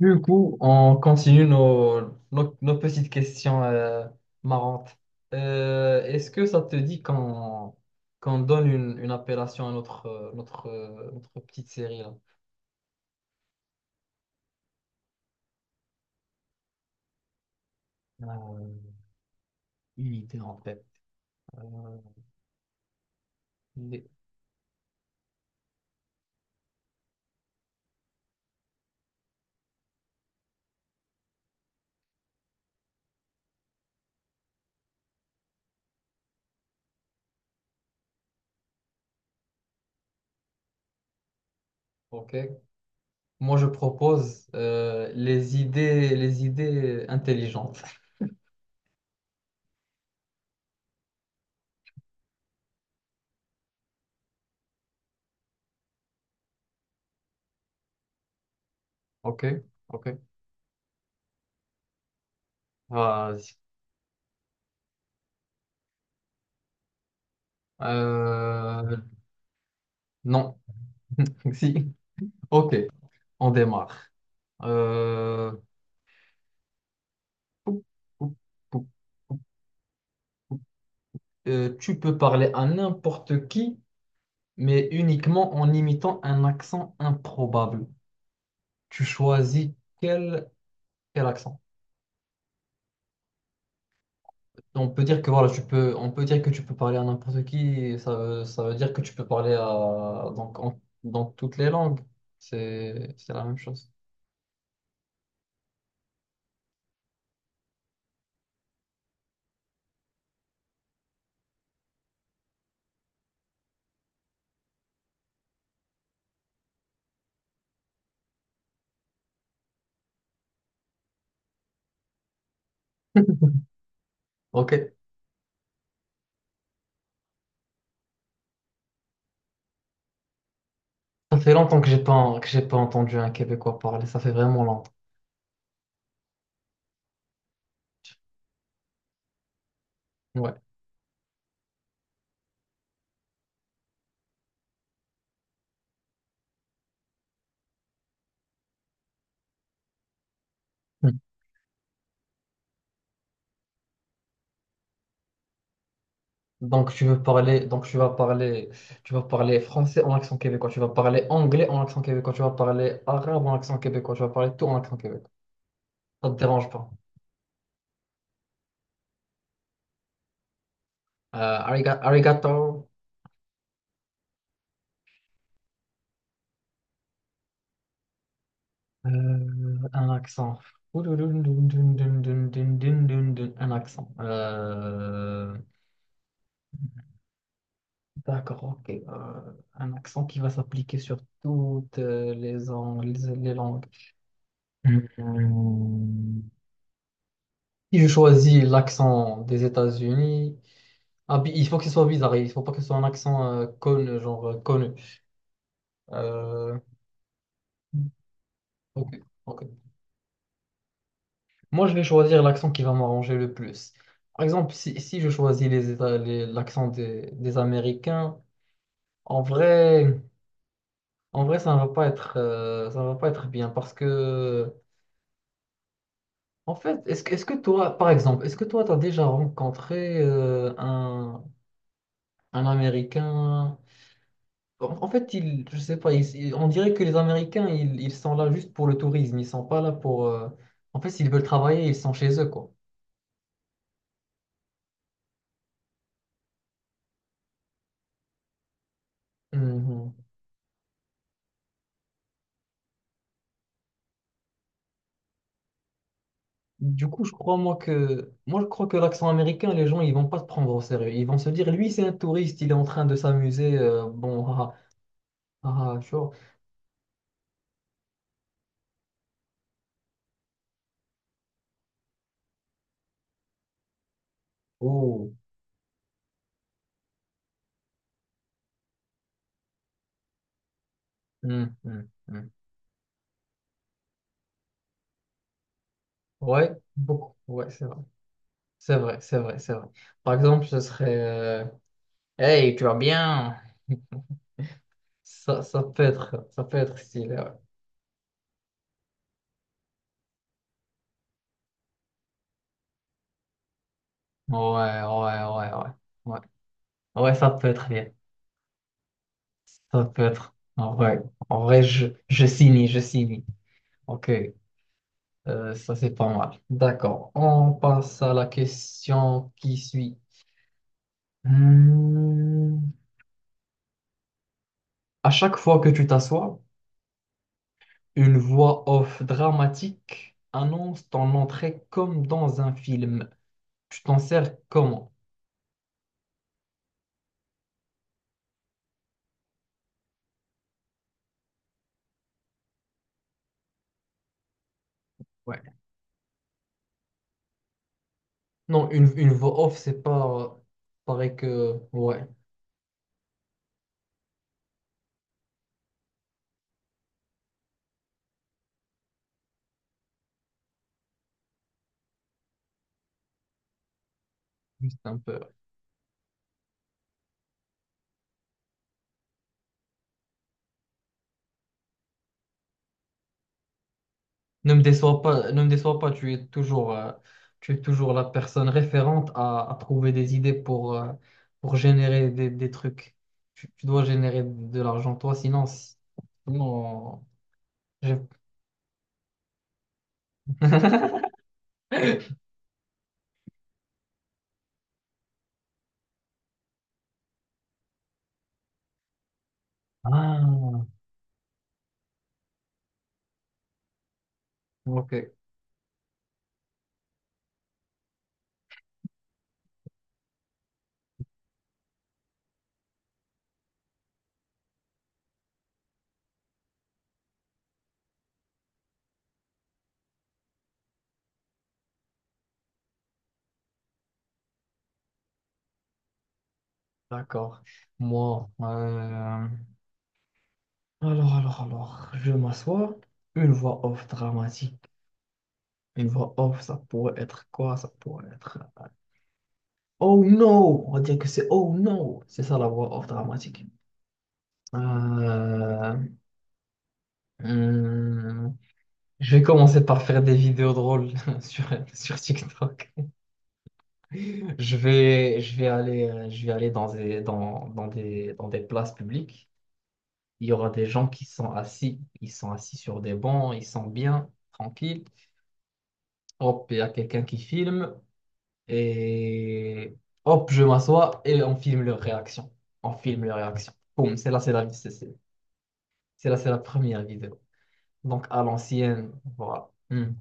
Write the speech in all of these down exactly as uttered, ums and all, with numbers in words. Du coup, on continue nos, nos, nos petites questions euh, marrantes. Euh, est-ce que ça te dit qu'on qu'on donne une, une appellation à notre, euh, notre, euh, notre petite série là? Euh, une idée en tête. Euh, les- ok. Moi, je propose euh, les idées, les idées intelligentes. Ok, ok. Vas-y. Euh, non, si. Ok, on démarre. Euh, Pou, pou, pou, pou. Euh, tu peux parler à n'importe qui, mais uniquement en imitant un accent improbable. Tu choisis quel, quel accent. On peut dire que voilà, tu peux, on peut dire que tu peux parler à n'importe qui. et Ça, veut- ça veut dire que tu peux parler à, donc, en- dans toutes les langues. C'est, c'est la même chose. Ok. Ça fait longtemps que j'ai pas, que j'ai pas entendu un Québécois parler. Ça fait vraiment longtemps. Ouais. Donc tu veux parler, donc tu vas parler, tu vas parler français en accent québécois, tu vas parler anglais en accent québécois, tu vas parler arabe en accent québécois, tu vas parler tout en accent québécois. Ça te dérange pas. Euh, ariga- arigato, euh, un accent. Un accent. Euh, d'accord, ok. Euh, un accent qui va s'appliquer sur toutes euh, les, ang- les les langues. Hmm. Si je choisis l'accent des États-Unis. Ah, puis il faut que ce soit bizarre, il faut pas que ce soit un accent euh, connu, genre euh, connu. Euh, ok, ok. Moi, je vais choisir l'accent qui va m'arranger le plus. Par exemple, si, si je choisis les, Éta- les- l'accent des, des Américains, en vrai, en vrai, ça ne va pas être, euh, ça ne va pas être bien parce que, en fait, est-ce que, est-ce que toi, par exemple, est-ce que toi, tu as déjà rencontré euh, un, un Américain? En en fait, ils, je sais pas, ils- ils- on dirait que les Américains, ils, ils sont là juste pour le tourisme, ils sont pas là pour... euh, En fait, s'ils veulent travailler, ils sont chez eux, quoi. Mhm. Du coup, je crois, moi, que... Moi, je crois que l'accent américain, les gens, ils vont pas se prendre au sérieux. Ils vont se dire, lui, c'est un touriste, il est en train de s'amuser, euh, bon, ah, ah, ah, tu vois. Oh. Mhm, mhm. Ouais, beaucoup. Ouais, c'est vrai. C'est vrai, c'est vrai, c'est vrai. Par exemple, ce serait... euh, Hey, tu vas bien? Ça, ça peut être, ça peut être stylé, ouais. Ouais, ouais, ouais, ouais, ouais. Ouais, ça peut être bien. Ça peut être. En vrai, en vrai, je, je signe, je signe. Ok, Euh, ça c'est pas mal. D'accord. On passe à la question qui suit. Hmm. À chaque fois que tu t'assois, une voix off dramatique annonce ton entrée comme dans un film. Tu t'en sers comment? Ouais. Non, une, une voix off, c'est pas euh, pareil que. Ouais, juste un peu. Ne me déçois pas, ne me déçois pas, tu es toujours, euh, tu es toujours la personne référente à, à trouver des idées pour, euh, pour générer des, des trucs. Tu, tu dois générer de l'argent, toi, sinon, si- sinon, j'ai- Ah, ok, d'accord. Moi, euh, alors, alors, alors, je m'assois. Une voix off dramatique. Une voix off, ça pourrait être quoi? Ça pourrait être. Euh, Oh no! On va dire que c'est oh no! C'est ça la voix off dramatique. Euh, hum, je vais commencer par faire des vidéos drôles sur, sur TikTok. Je vais, je vais aller, euh, je vais aller dans des, dans, dans des, dans des places publiques. Il y aura des gens qui sont assis. Ils sont assis sur des bancs, ils sont bien, tranquilles. Hop, il y a quelqu'un qui filme. Et hop, je m'assois et on filme leur réaction. On filme leur réaction. Boum, c'est là, c'est la, c'est c'est- c'est là, c'est la première vidéo. Donc à l'ancienne, voilà. Hum,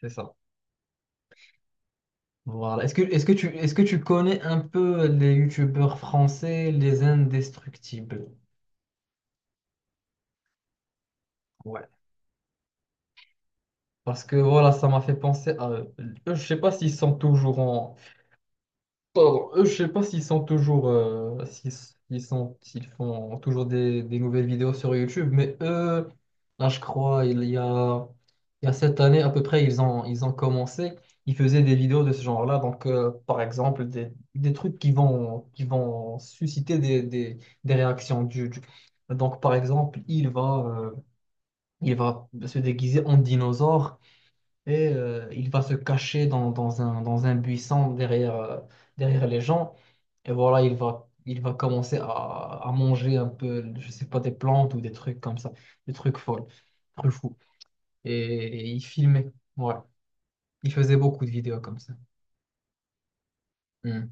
c'est ça. Voilà. Est-ce que, est-ce que tu, est-ce que tu connais un peu les youtubeurs français, les indestructibles? Ouais. Parce que voilà, ça m'a fait penser à eux. Eux, je sais pas s'ils sont toujours en, pardon, euh, je sais pas s'ils sont toujours, euh, s'ils, s'ils sont, s'ils font toujours des, des nouvelles vidéos sur YouTube, mais eux, là, je crois, il y a, il y a cette année à peu près, ils ont, ils ont commencé, ils faisaient des vidéos de ce genre-là, donc euh, par exemple, des, des trucs qui vont, qui vont susciter des, des, des réactions du, du- Donc par exemple, il va, euh, il va se déguiser en dinosaure et euh, il va se cacher dans, dans un, dans un buisson derrière, euh, derrière les gens. Et voilà, il va, il va commencer à, à manger un peu, je sais pas, des plantes ou des trucs comme ça, des trucs folles, des trucs fous. Et, et il filmait, voilà. Il faisait beaucoup de vidéos comme ça. Hmm,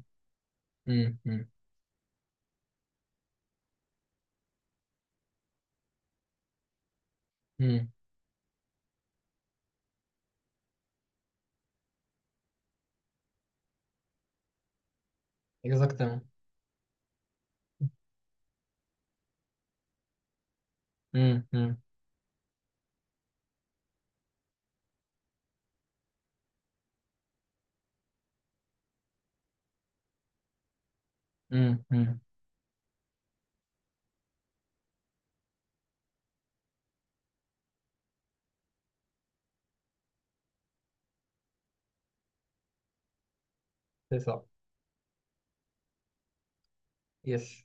hmm, hmm, hmm. Exactement. Hmm, hmm, hmm, hmm. C'est ça. Yes.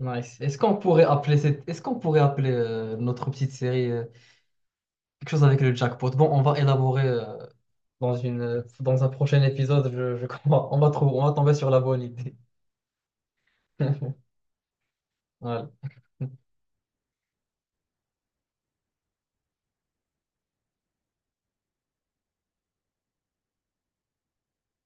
Nice. Est-ce qu'on pourrait appeler cette... Est-ce qu'on pourrait appeler euh, notre petite série euh, quelque chose avec le jackpot. Bon, on va élaborer euh, dans une, dans un prochain épisode, je, je crois. On va trouver, on va tomber sur la bonne idée. Voilà.